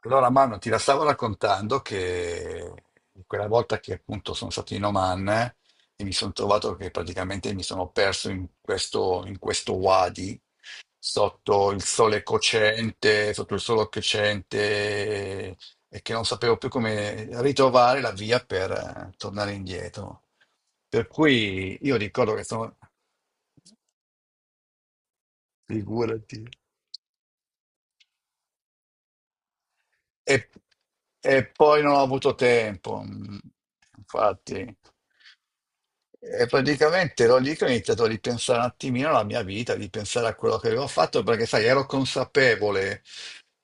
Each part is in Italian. Allora, Manu, ti la stavo raccontando che quella volta che appunto sono stato in Oman, e mi sono trovato che praticamente mi sono perso in questo wadi, sotto il sole cocente, sotto il sole crescente, e che non sapevo più come ritrovare la via per tornare indietro. Per cui io ricordo che sono. Figurati. E, e poi non ho avuto tempo, infatti. E praticamente ero lì che ho iniziato a ripensare un attimino alla mia vita, di pensare a quello che avevo fatto, perché sai, ero consapevole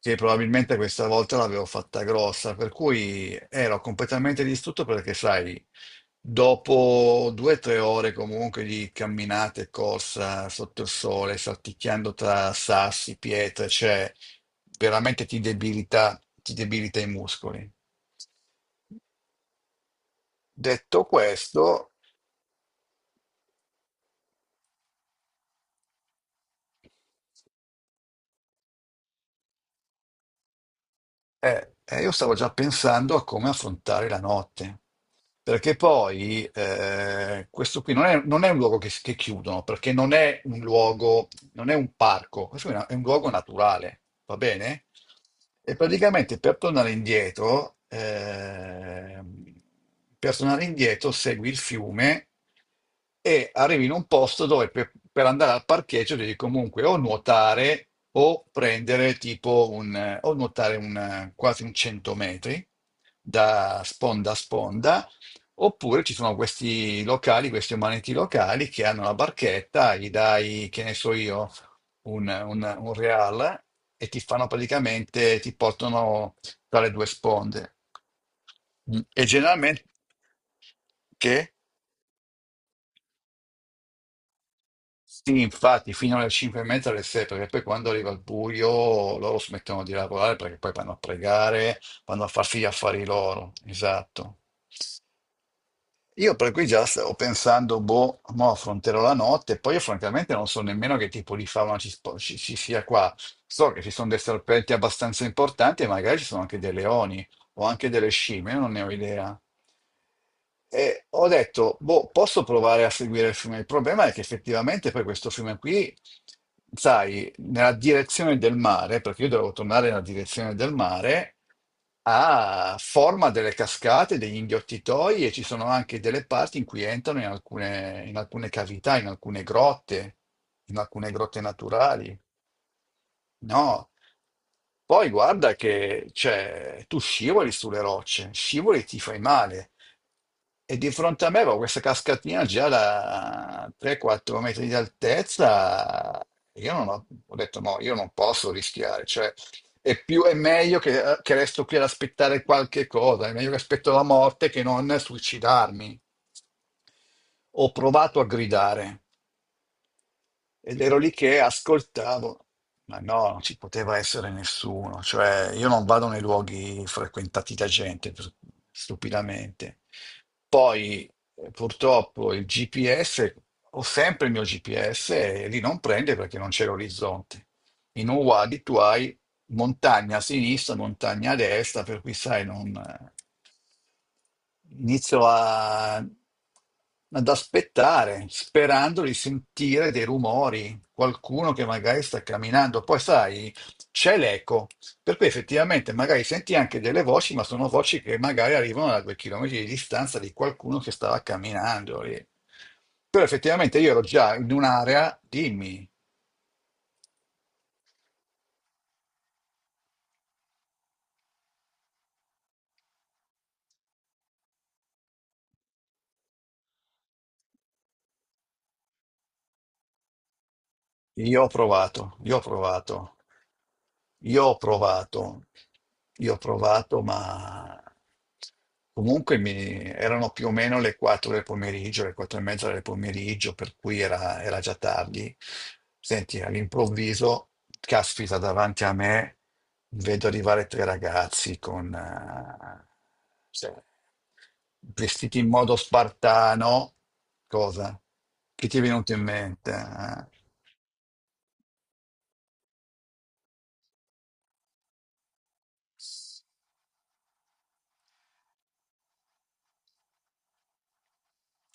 che probabilmente questa volta l'avevo fatta grossa, per cui ero completamente distrutto, perché sai, dopo 2 o 3 ore comunque di camminate e corsa sotto il sole, salticchiando tra sassi, pietre, cioè veramente ti debilita i muscoli. Detto questo. Io stavo già pensando a come affrontare la notte, perché poi questo qui non è un luogo che chiudono, perché non è un luogo, non è un parco, questo è un luogo naturale, va bene? E praticamente per tornare indietro segui il fiume e arrivi in un posto dove per andare al parcheggio devi comunque o nuotare o prendere tipo o nuotare quasi un 100 metri da sponda a sponda, oppure ci sono questi locali, questi umaniti locali che hanno la barchetta, gli dai, che ne so io, un real, e ti portano tra le due sponde. Mm. E generalmente, che? Sì, infatti, fino alle 5 e mezza, alle 6, perché poi quando arriva il buio loro smettono di lavorare, perché poi vanno a pregare, vanno a farsi gli affari loro. Esatto. Io per cui già stavo pensando, boh, mo affronterò la notte, poi io francamente non so nemmeno che tipo di fauna ci sia qua. So che ci sono dei serpenti abbastanza importanti, e magari ci sono anche dei leoni o anche delle scimmie, non ne ho idea. E ho detto, boh, posso provare a seguire il fiume. Il problema è che effettivamente poi questo fiume qui, sai, nella direzione del mare, perché io dovevo tornare nella direzione del mare, ha forma delle cascate, degli inghiottitoi, e ci sono anche delle parti in cui entrano in alcune cavità, in alcune grotte naturali. No, poi guarda che cioè, tu scivoli sulle rocce, scivoli e ti fai male. E di fronte a me avevo questa cascatina già da 3-4 metri di altezza. Io non ho, ho detto no, io non posso rischiare. Cioè, è meglio che resto qui ad aspettare qualche cosa, è meglio che aspetto la morte che non suicidarmi. Ho provato a gridare. Ed ero lì che ascoltavo, ma no, non ci poteva essere nessuno, cioè io non vado nei luoghi frequentati da gente, stupidamente. Poi purtroppo il GPS, ho sempre il mio GPS e lì non prende perché non c'è l'orizzonte. In Uwadi tu hai montagna a sinistra, montagna a destra, per cui sai, non. Inizio a- Ad aspettare, sperando di sentire dei rumori, qualcuno che magari sta camminando. Poi sai, c'è l'eco, per cui effettivamente magari senti anche delle voci, ma sono voci che magari arrivano a 2 chilometri di distanza, di qualcuno che stava camminando lì. Però effettivamente io ero già in un'area, dimmi, io ho provato, io ho provato. Io ho provato, io ho provato, ma comunque erano più o meno le 4 del pomeriggio, le 4 e mezza del pomeriggio, per cui era già tardi. Senti, all'improvviso, caspita, davanti a me vedo arrivare tre ragazzi con, cioè, vestiti in modo spartano. Cosa? Che ti è venuto in mente? Eh?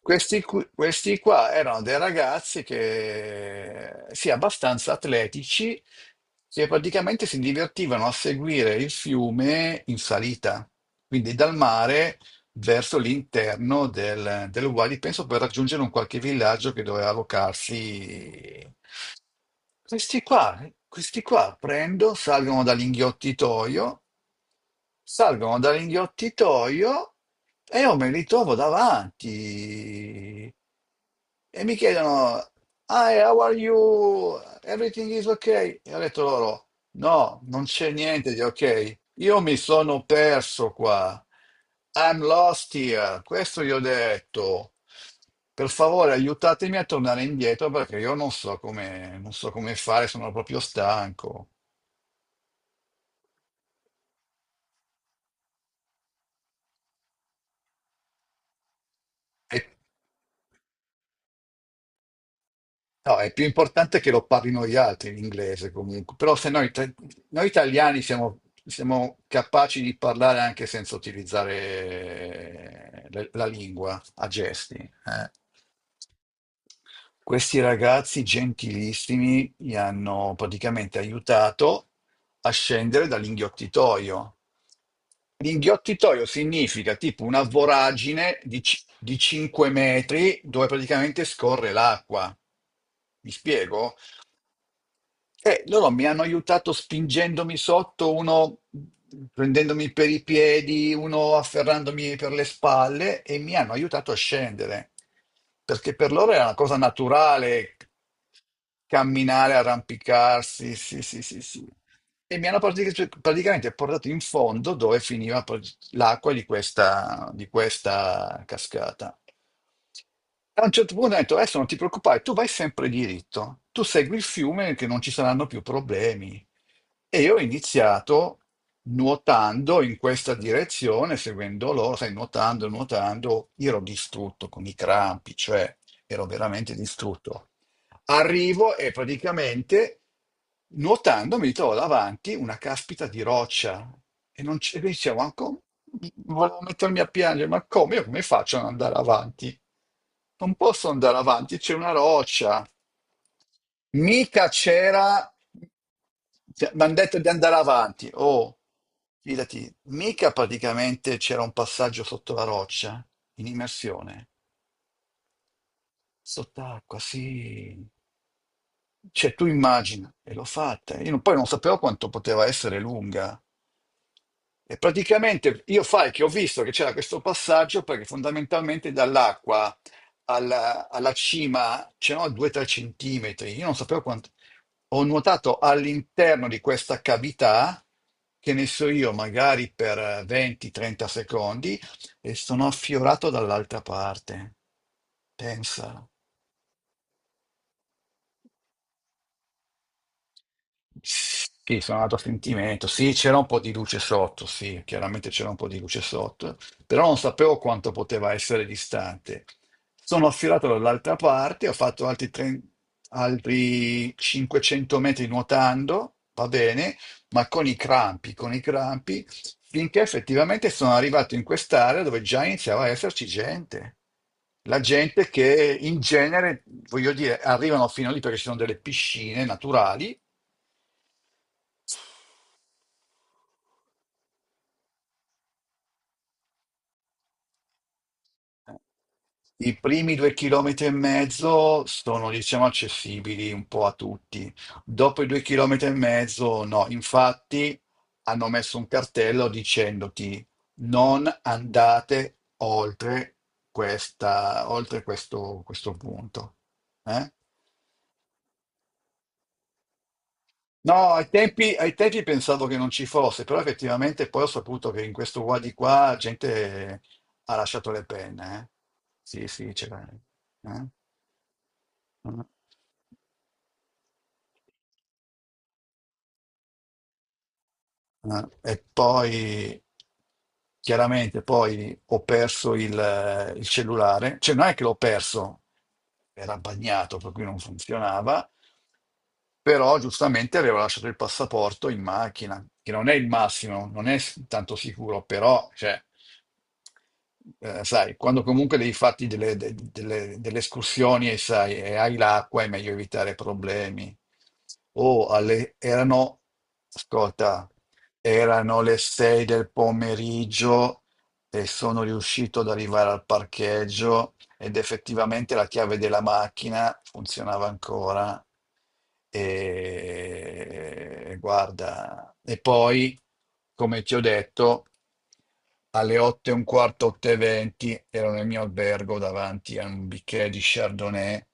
Questi qua erano dei ragazzi che, sì, abbastanza atletici, che praticamente si divertivano a seguire il fiume in salita. Quindi dal mare verso l'interno del Wadi, penso per raggiungere un qualche villaggio che doveva allocarsi. Questi qua, questi qua, salgono dall'inghiottitoio, e io me li trovo davanti e mi chiedono, "Hi, how are you? Everything is okay?" E ho detto loro, no, non c'è niente di ok. Io mi sono perso qua. I'm lost here. Questo gli ho detto. Per favore, aiutatemi a tornare indietro, perché io non so come fare, sono proprio stanco. E No, è più importante che lo parlino gli altri l'inglese comunque, però se noi, noi italiani siamo capaci di parlare anche senza utilizzare la lingua a gesti. Eh. Questi ragazzi gentilissimi mi hanno praticamente aiutato a scendere dall'inghiottitoio. L'inghiottitoio significa tipo una voragine di 5 metri dove praticamente scorre l'acqua. Mi spiego? Loro mi hanno aiutato spingendomi sotto, uno prendendomi per i piedi, uno afferrandomi per le spalle, e mi hanno aiutato a scendere, perché per loro era una cosa naturale camminare, arrampicarsi, sì, sì, sì, sì. E mi hanno praticamente portato in fondo, dove finiva poi l'acqua di questa cascata. A un certo punto ha detto, adesso non ti preoccupare, tu vai sempre diritto, tu segui il fiume che non ci saranno più problemi. E io ho iniziato nuotando in questa direzione, seguendo loro, sai, nuotando, nuotando, io ero distrutto con i crampi, cioè ero veramente distrutto. Arrivo e praticamente nuotando mi trovo davanti una caspita di roccia, e non c'è, dicevo, ma come? Volevo mettermi a piangere, ma come? Io come faccio ad andare avanti? Non posso andare avanti, c'è una roccia. Mica c'era, mi hanno detto di andare avanti. Oh, fidati, mica praticamente c'era un passaggio sotto la roccia in immersione. Sott'acqua, sì. Cioè, tu immagina, e l'ho fatta. Io non- poi non sapevo quanto poteva essere lunga. E praticamente io fai che ho visto che c'era questo passaggio, perché fondamentalmente dall'acqua alla cima c'erano 2-3 centimetri. Io non sapevo quanto. Ho nuotato all'interno di questa cavità, che ne so io, magari per 20-30 secondi, e sono affiorato dall'altra parte. Pensa. Sì, sono andato a sentimento. Sì, c'era un po' di luce sotto, sì, chiaramente c'era un po' di luce sotto, però non sapevo quanto poteva essere distante. Sono affilato dall'altra parte, ho fatto altri 500 metri nuotando, va bene, ma con i crampi, finché effettivamente sono arrivato in quest'area dove già iniziava a esserci gente. La gente che in genere, voglio dire, arrivano fino lì perché ci sono delle piscine naturali. I primi 2 chilometri e mezzo sono, diciamo, accessibili un po' a tutti. Dopo i 2 chilometri e mezzo, no. Infatti, hanno messo un cartello dicendoti: non andate oltre questo punto. Eh? No, ai tempi pensavo che non ci fosse, però effettivamente poi ho saputo che in questo qua di qua gente ha lasciato le penne. Eh. Sì, sì, c'era. Eh. Eh, e poi chiaramente poi ho perso il cellulare, cioè non è che l'ho perso, era bagnato per cui non funzionava, però giustamente avevo lasciato il passaporto in macchina, che non è il massimo, non è tanto sicuro, però cioè, sai, quando comunque devi farti delle escursioni e sai, e hai l'acqua, è meglio evitare problemi. O alle, erano, ascolta, erano le 6 del pomeriggio e sono riuscito ad arrivare al parcheggio, ed effettivamente la chiave della macchina funzionava ancora. E guarda, e poi, come ti ho detto, alle 8 e un quarto, 8 e 20 ero nel mio albergo davanti a un bicchiere di Chardonnay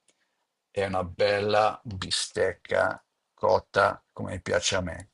e una bella bistecca cotta come piace a me.